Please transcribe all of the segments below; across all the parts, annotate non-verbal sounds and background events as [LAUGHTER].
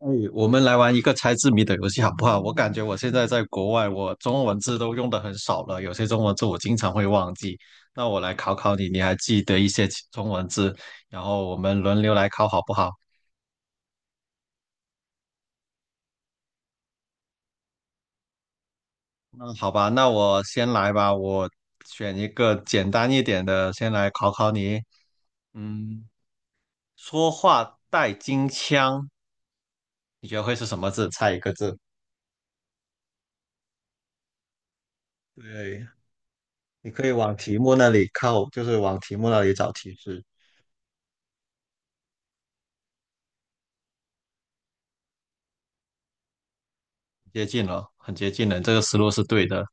哎，我们来玩一个猜字谜的游戏好不好？我感觉我现在在国外，我中文字都用的很少了，有些中文字我经常会忘记。那我来考考你，你还记得一些其中文字，然后我们轮流来考好不好？嗯，好吧，那我先来吧，我选一个简单一点的，先来考考你。嗯，说话带金腔，你觉得会是什么字？猜一个字。对，你可以往题目那里靠，就是往题目那里找提示。接近了，很接近了，这个思路是对的。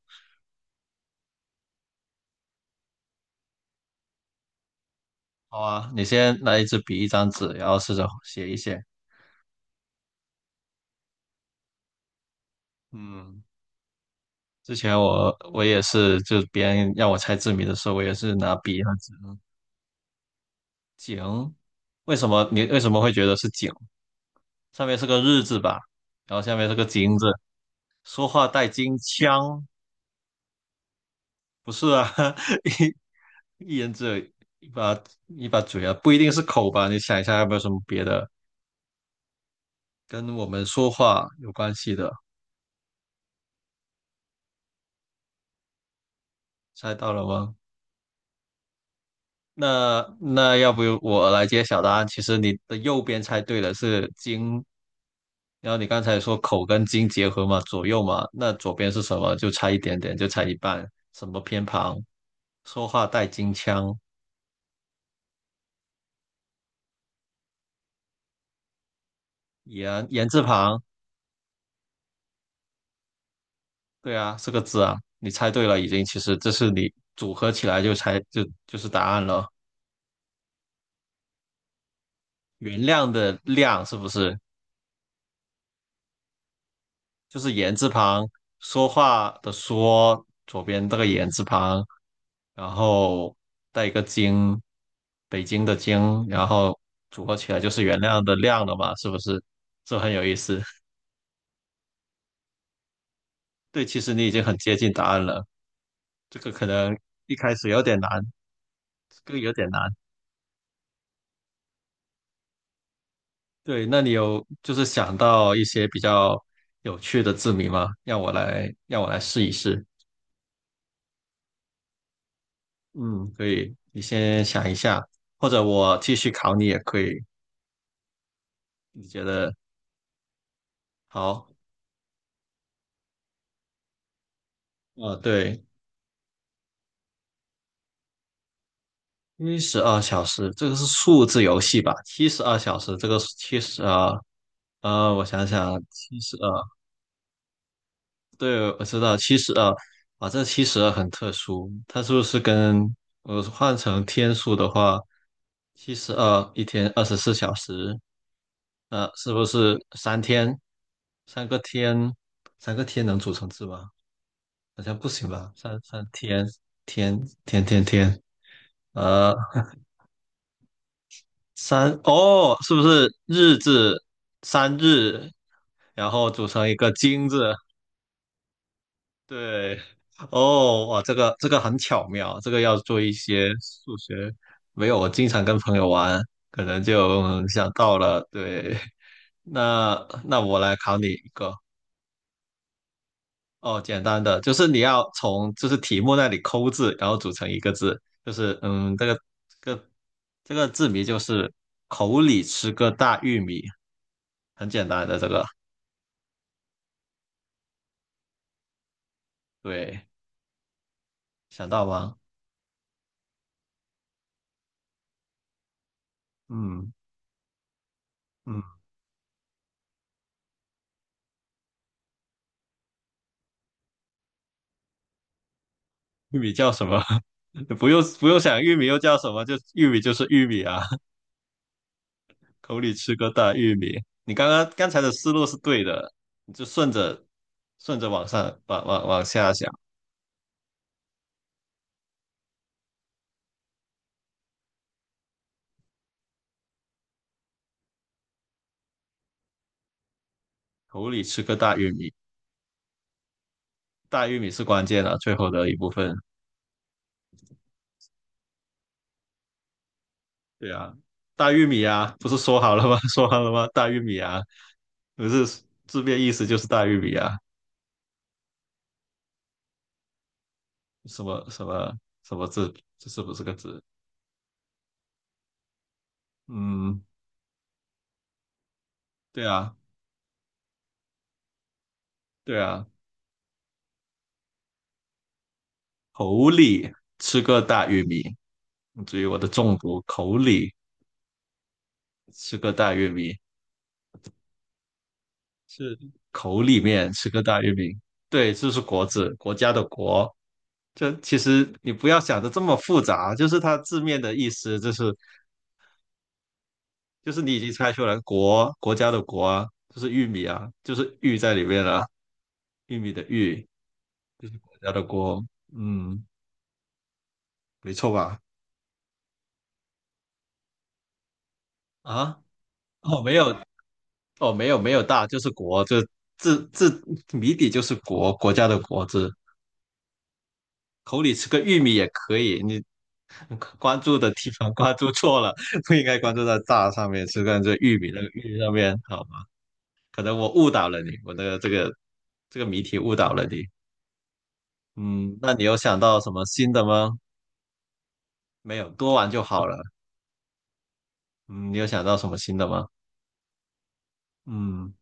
好啊，你先拿一支笔，一张纸，然后试着写一写。嗯，之前我也是，就别人让我猜字谜的时候，我也是拿笔和纸。井，为什么你为什么会觉得是井？上面是个日字吧，然后下面是个金字。说话带金腔，不是啊？[LAUGHS] 一人只有一把一把嘴啊，不一定是口吧？你想一下，有没有什么别的跟我们说话有关系的？猜到了吗？那要不我来揭晓答案？其实你的右边猜对了，是金。然后你刚才说口跟金结合嘛，左右嘛，那左边是什么？就差一点点，就差一半。什么偏旁？说话带金腔，言字旁，对啊，是个字啊。你猜对了，已经。其实这是你组合起来就猜就是答案了。原谅的谅是不是？就是言字旁，说话的说，左边这个言字旁，然后带一个京，北京的京，然后组合起来就是原谅的谅了嘛，是不是？这很有意思。[LAUGHS] 对，其实你已经很接近答案了，这个可能一开始有点难，这个有点难。对，那你有就是想到一些比较有趣的字谜吗？让我来，让我来试一试。嗯，可以，你先想一下，或者我继续考你也可以，你觉得好？啊，对，七十二小时，这个是数字游戏吧？七十二小时，这个七十二，我想想，七十二，对，我知道七十二，啊，这七十二很特殊，它是不是跟我换成天数的话，七十二一天24小时，是不是三天，三个天，三个天能组成字吗？好像不行吧？三三天天天天天，呃。三哦，是不是日字三日，然后组成一个金字？对，哦，哇，这个很巧妙，这个要做一些数学。没有，我经常跟朋友玩，可能就想到了。对，那我来考你一个。哦，简单的，就是你要从就是题目那里抠字，然后组成一个字，就是这个这个字谜就是口里吃个大玉米，很简单的这个。对，想到吗？嗯嗯，玉米叫什么？[LAUGHS] 不用不用想，玉米又叫什么？就玉米就是玉米啊，[LAUGHS] 口里吃个大玉米。你刚才的思路是对的，你就顺着往上往下想，口里吃个大玉米，大玉米是关键啊，最后的一部分。对啊，大玉米啊，不是说好了吗？[LAUGHS] 说好了吗？大玉米啊，不是字面意思就是大玉米啊，什么什么什么字，这是不是个字？嗯，对啊。对啊，口里吃个大玉米，至于我的中毒，口里吃个大玉米是口里面吃个大玉米，对，这是国字，国家的国。这其实你不要想的这么复杂，就是它字面的意思，就是你已经猜出来，国国家的国啊，就是玉米啊，就是玉在里面了、玉米的玉，国家的国，嗯，没错吧？啊，哦，没有，哦，没有没有大，就是国，这字谜底就是国家的国字，口里吃个玉米也可以。你关注的地方关注错了，不应该关注在大上面，是关这玉米那个玉上面，好吧？可能我误导了你，我的这个谜题误导了你。嗯，那你有想到什么新的吗？没有，多玩就好了。嗯，你有想到什么新的吗？嗯。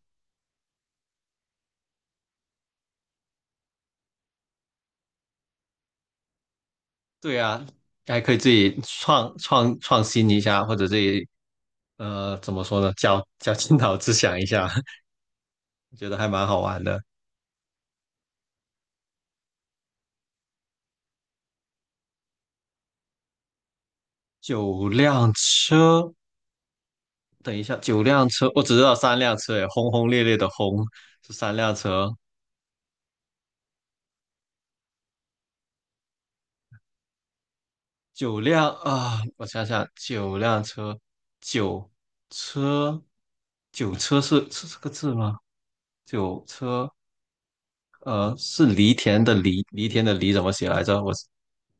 对啊，还可以自己创新一下，或者自己怎么说呢，绞尽脑汁想一下，[LAUGHS] 觉得还蛮好玩的。九辆车，等一下，九辆车，我只知道三辆车，哎，轰轰烈烈的轰是三辆车，九辆啊，我想想，九辆车，九车，九车是这个字吗？九车，是犁田的犁，犁田的犁怎么写来着？我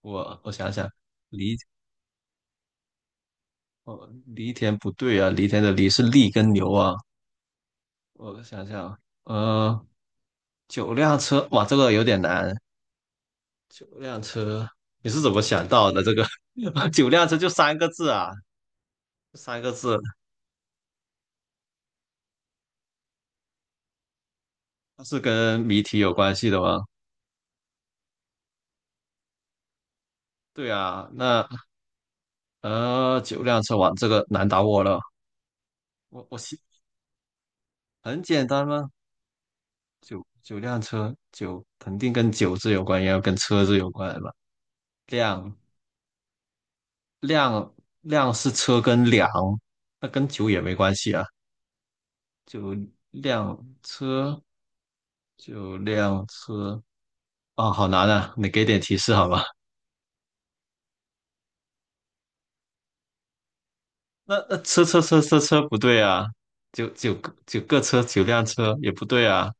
我我想想。犁。哦，犁田不对啊，犁田的犁是犁跟牛啊。我想想，呃，九辆车，哇，这个有点难。九辆车，你是怎么想到的？这个 [LAUGHS] 九辆车就三个字啊，三个字，它是跟谜题有关系的吗？对啊，那九辆车，哇，这个难倒我了。我想很简单吗？九辆车，九肯定跟九字有关，也要跟车字有关吧？辆量量是车跟粮，那跟酒也没关系啊。就辆车，就辆车啊，好难啊！你给点提示好吗？[LAUGHS] 那车不对啊，九辆车也不对啊，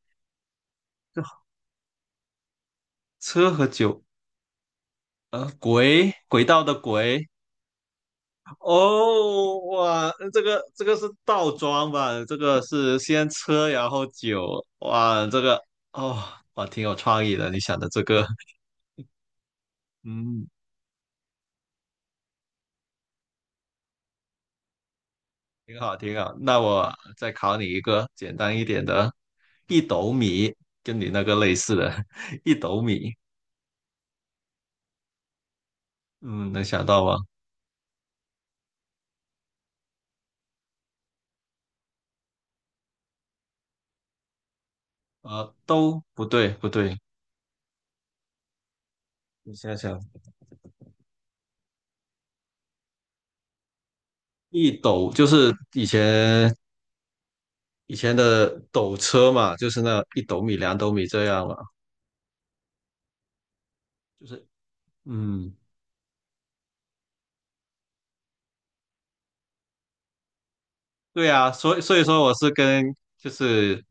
车和九轨道的轨。哦，哇，这个是倒装吧？这个是先车然后酒。哇，这个哦哇挺有创意的，你想的这个嗯。挺好，挺好。那我再考你一个简单一点的，一斗米，跟你那个类似的，[LAUGHS] 一斗米，嗯，能想到吗？啊，都不对，不对，你想想，一斗就是以前的斗车嘛，就是那一斗米、两斗米这样嘛，就是嗯，对啊，所以说我是跟就是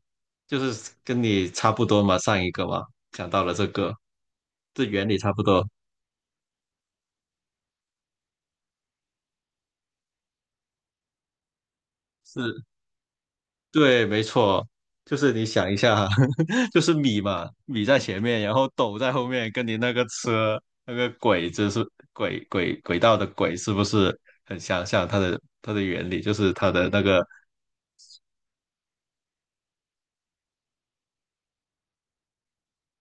就是跟你差不多嘛，上一个嘛，讲到了这个，这原理差不多。是对，没错，就是你想一下，[LAUGHS] 就是米嘛，米在前面，然后斗在后面，跟你那个车那个轨，就是轨道的轨，是不是很相像？它的原理就是它的那个，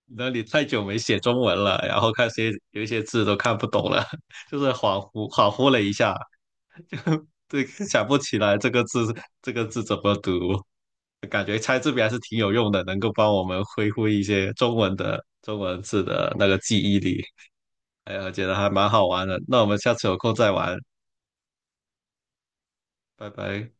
那你太久没写中文了，然后看些有一些字都看不懂了，[LAUGHS] 就是恍惚恍惚了一下，对，[LAUGHS] 想不起来这个字这个字怎么读。感觉猜字谜还是挺有用的，能够帮我们恢复一些中文的中文字的那个记忆力。哎呀，觉得还蛮好玩的。那我们下次有空再玩，拜拜。